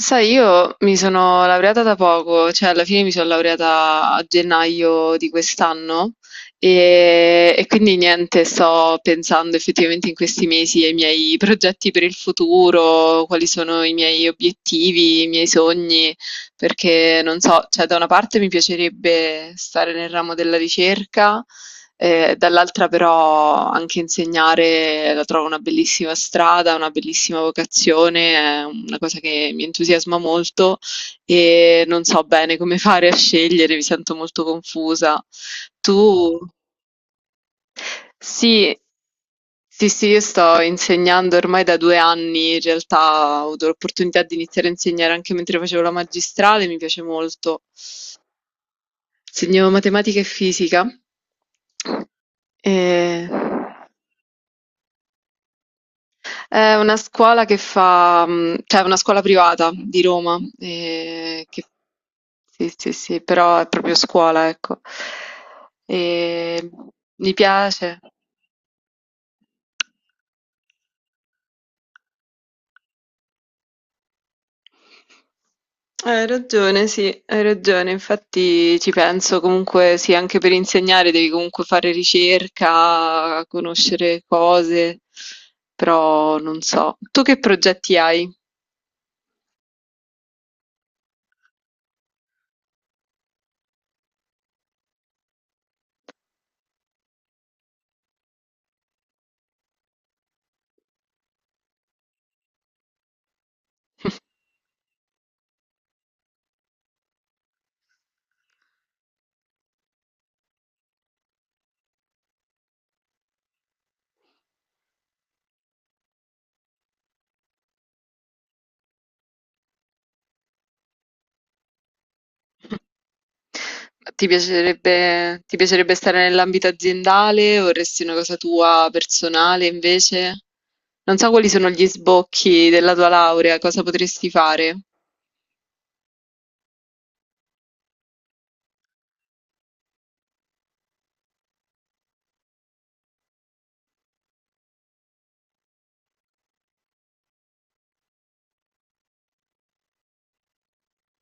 Sai, io mi sono laureata da poco, cioè alla fine mi sono laureata a gennaio di quest'anno e quindi niente, sto pensando effettivamente in questi mesi ai miei progetti per il futuro, quali sono i miei obiettivi, i miei sogni, perché non so, cioè da una parte mi piacerebbe stare nel ramo della ricerca. Dall'altra però anche insegnare la trovo una bellissima strada, una bellissima vocazione, è una cosa che mi entusiasma molto e non so bene come fare a scegliere, mi sento molto confusa. Tu? Sì. Sì, sì, io sto insegnando ormai da 2 anni, in realtà ho avuto l'opportunità di iniziare a insegnare anche mentre facevo la magistrale, mi piace molto. Studio matematica e fisica. E- È una scuola che fa, cioè è una scuola privata di Roma, sì, sì, sì, però è proprio scuola, ecco. E mi piace. Hai ragione, sì, hai ragione. Infatti ci penso comunque, sì, anche per insegnare devi comunque fare ricerca, conoscere cose, però non so. Tu che progetti hai? Ti piacerebbe stare nell'ambito aziendale? Vorresti una cosa tua personale invece? Non so quali sono gli sbocchi della tua laurea, cosa potresti fare?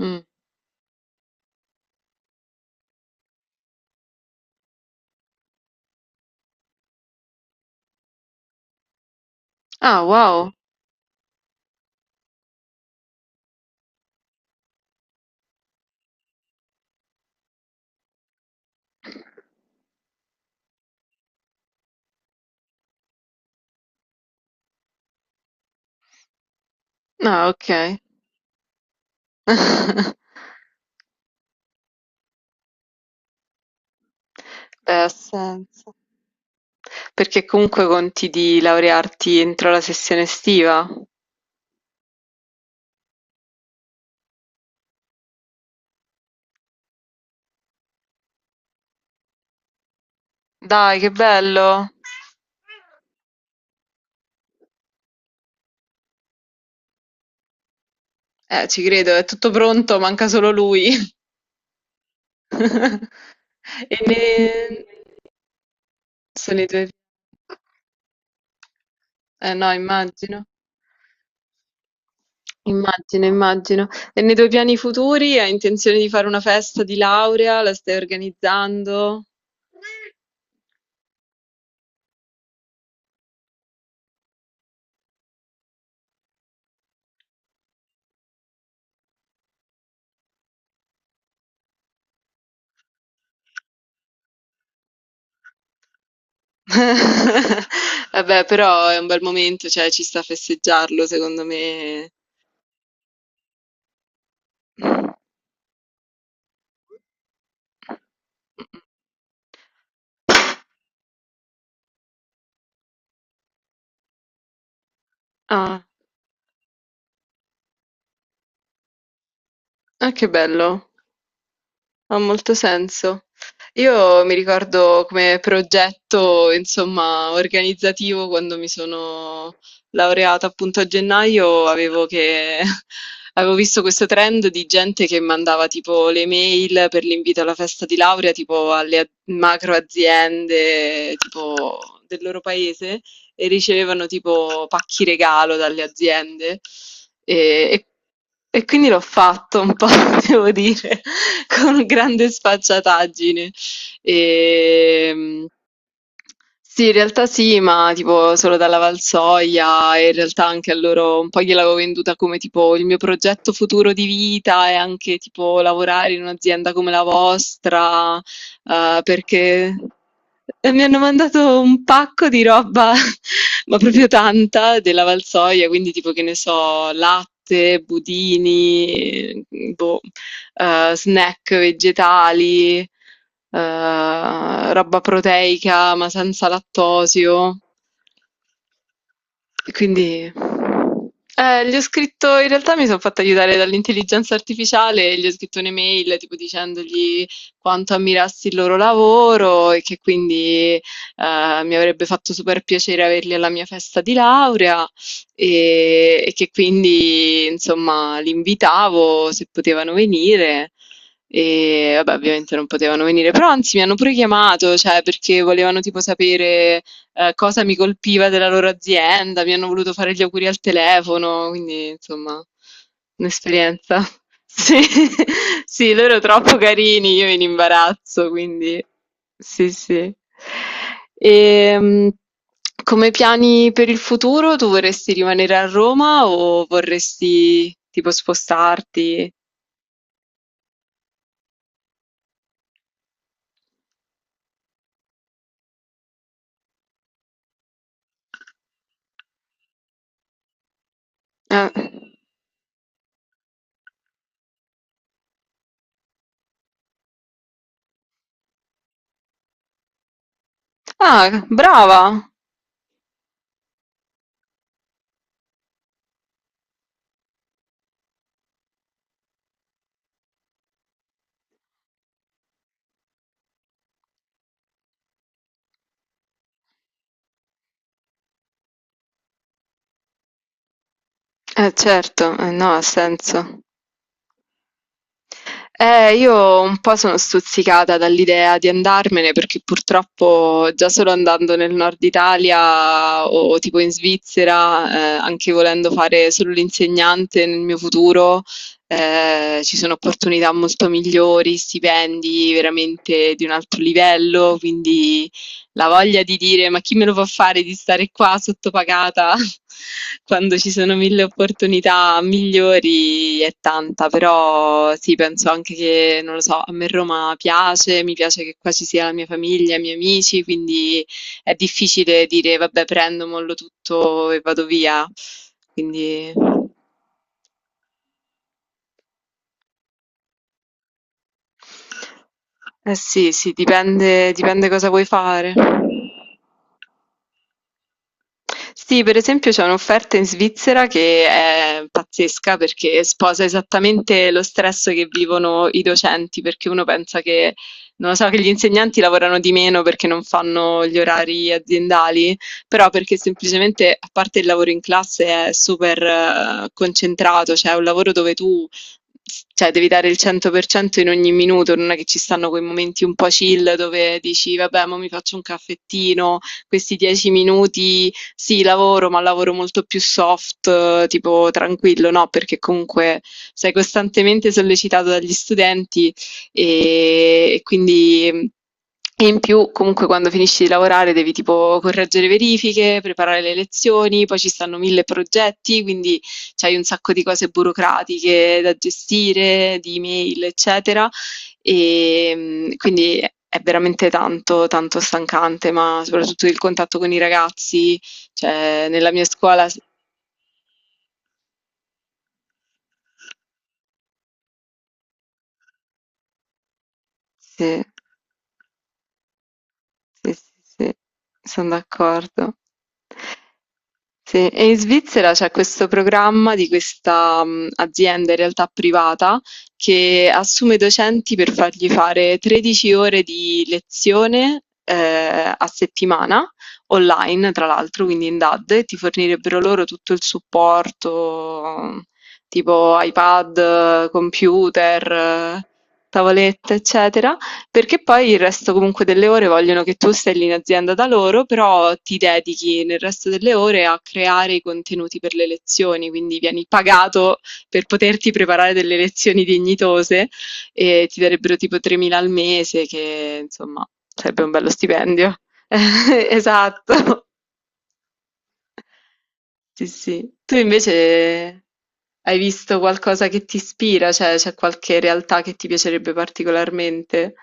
Mm. Ah, wow. Ah, ok. Beh, ha senso. Perché comunque conti di laurearti entro la sessione estiva? Dai, che bello! Ci credo, è tutto pronto, manca solo lui. E ne, sono i tuoi. Eh, no, immagino. Immagino, immagino. E nei tuoi piani futuri hai intenzione di fare una festa di laurea? La stai organizzando? Vabbè, però è un bel momento, cioè ci sta a festeggiarlo, secondo me. Mh-mh. Ah, ah, che bello. Ha molto senso. Io mi ricordo, come progetto, insomma, organizzativo, quando mi sono laureata appunto a gennaio, avevo che avevo visto questo trend di gente che mandava tipo le mail per l'invito alla festa di laurea, tipo alle macro aziende, tipo del loro paese, e ricevevano tipo pacchi regalo dalle aziende. E, e- e quindi l'ho fatto un po', devo dire, con grande sfacciataggine. E sì, in realtà sì, ma tipo solo dalla Valsoia, e in realtà anche a loro un po' gliel'avevo venduta come tipo il mio progetto futuro di vita e anche tipo lavorare in un'azienda come la vostra, perché, e mi hanno mandato un pacco di roba, ma proprio tanta, della Valsoia, quindi tipo che ne so, latte, budini, boh, snack vegetali, roba proteica ma senza lattosio. Quindi, gli ho scritto, in realtà mi sono fatta aiutare dall'intelligenza artificiale e gli ho scritto un'email tipo dicendogli quanto ammirassi il loro lavoro e che quindi eh, mi avrebbe fatto super piacere averli alla mia festa di laurea e che quindi insomma li invitavo se potevano venire. E vabbè, ovviamente non potevano venire, però anzi mi hanno pure chiamato, cioè, perché volevano tipo sapere cosa mi colpiva della loro azienda, mi hanno voluto fare gli auguri al telefono, quindi insomma, un'esperienza. Sì, sì, loro troppo carini, io in imbarazzo, quindi sì, sì. E, come piani per il futuro, tu vorresti rimanere a Roma o vorresti tipo spostarti? Eh, Ah, brava! Certo, no, ha senso. Io un po' sono stuzzicata dall'idea di andarmene, perché purtroppo già solo andando nel nord Italia o tipo in Svizzera, anche volendo fare solo l'insegnante nel mio futuro, ci sono opportunità molto migliori, stipendi veramente di un altro livello, quindi la voglia di dire: "Ma chi me lo fa fare di stare qua sottopagata quando ci sono 1000 opportunità migliori" è tanta, però sì, penso anche che, non lo so, a me Roma piace, mi piace che qua ci sia la mia famiglia, i miei amici, quindi è difficile dire: "Vabbè, prendo, mollo tutto e vado via". Quindi eh sì, sì, dipende cosa vuoi fare. Sì, per esempio c'è un'offerta in Svizzera che è pazzesca, perché sposa esattamente lo stress che vivono i docenti, perché uno pensa che, non lo so, che gli insegnanti lavorano di meno perché non fanno gli orari aziendali, però perché semplicemente, a parte il lavoro in classe, è super concentrato, cioè è un lavoro dove tu cioè devi dare il 100% in ogni minuto, non è che ci stanno quei momenti un po' chill dove dici vabbè, ma mi faccio un caffettino, questi 10 minuti sì, lavoro, ma lavoro molto più soft, tipo tranquillo, no? Perché comunque sei costantemente sollecitato dagli studenti e quindi. E in più, comunque, quando finisci di lavorare devi tipo correggere verifiche, preparare le lezioni, poi ci stanno mille progetti, quindi c'hai un sacco di cose burocratiche da gestire, di email, eccetera. Quindi è veramente tanto, tanto stancante, ma soprattutto il contatto con i ragazzi, cioè nella mia scuola. Sì, sì, sì, sì, sono d'accordo. Sì, e in Svizzera c'è questo programma di questa azienda in realtà privata che assume docenti per fargli fare 13 ore di lezione a settimana, online tra l'altro, quindi in DAD, e ti fornirebbero loro tutto il supporto, tipo iPad, computer, tavolette, eccetera. Perché poi il resto comunque delle ore vogliono che tu stai lì in azienda da loro, però ti dedichi nel resto delle ore a creare i contenuti per le lezioni, quindi vieni pagato per poterti preparare delle lezioni dignitose e ti darebbero tipo 3.000 al mese, che insomma sarebbe un bello stipendio. Esatto. Sì, sì. Tu invece hai visto qualcosa che ti ispira? Cioè, c'è qualche realtà che ti piacerebbe particolarmente?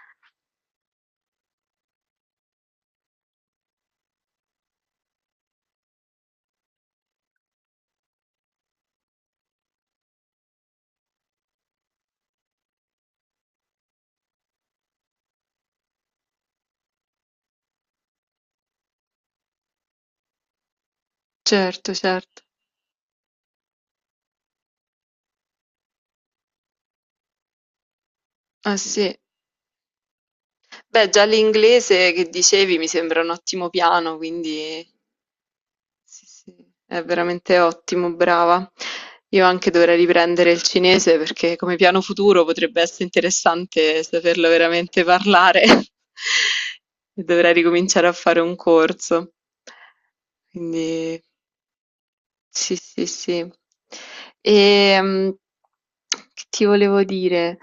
Certo, certo. Ah sì. Beh, già l'inglese che dicevi mi sembra un ottimo piano, quindi sì, sì, è veramente ottimo, brava. Io anche dovrei riprendere il cinese, perché come piano futuro potrebbe essere interessante saperlo veramente parlare. E dovrei ricominciare a fare un corso. Quindi sì, sì, sì. E, che ti volevo dire?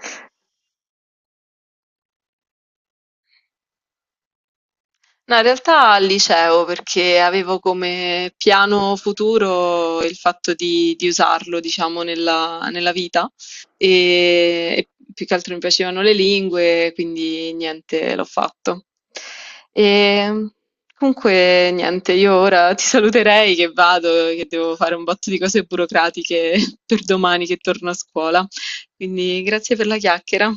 No, in realtà al liceo, perché avevo come piano futuro il fatto di usarlo, diciamo, nella vita e più che altro mi piacevano le lingue, quindi niente, l'ho fatto. E comunque, niente, io ora ti saluterei, che vado, che devo fare un botto di cose burocratiche per domani che torno a scuola. Quindi grazie per la chiacchiera.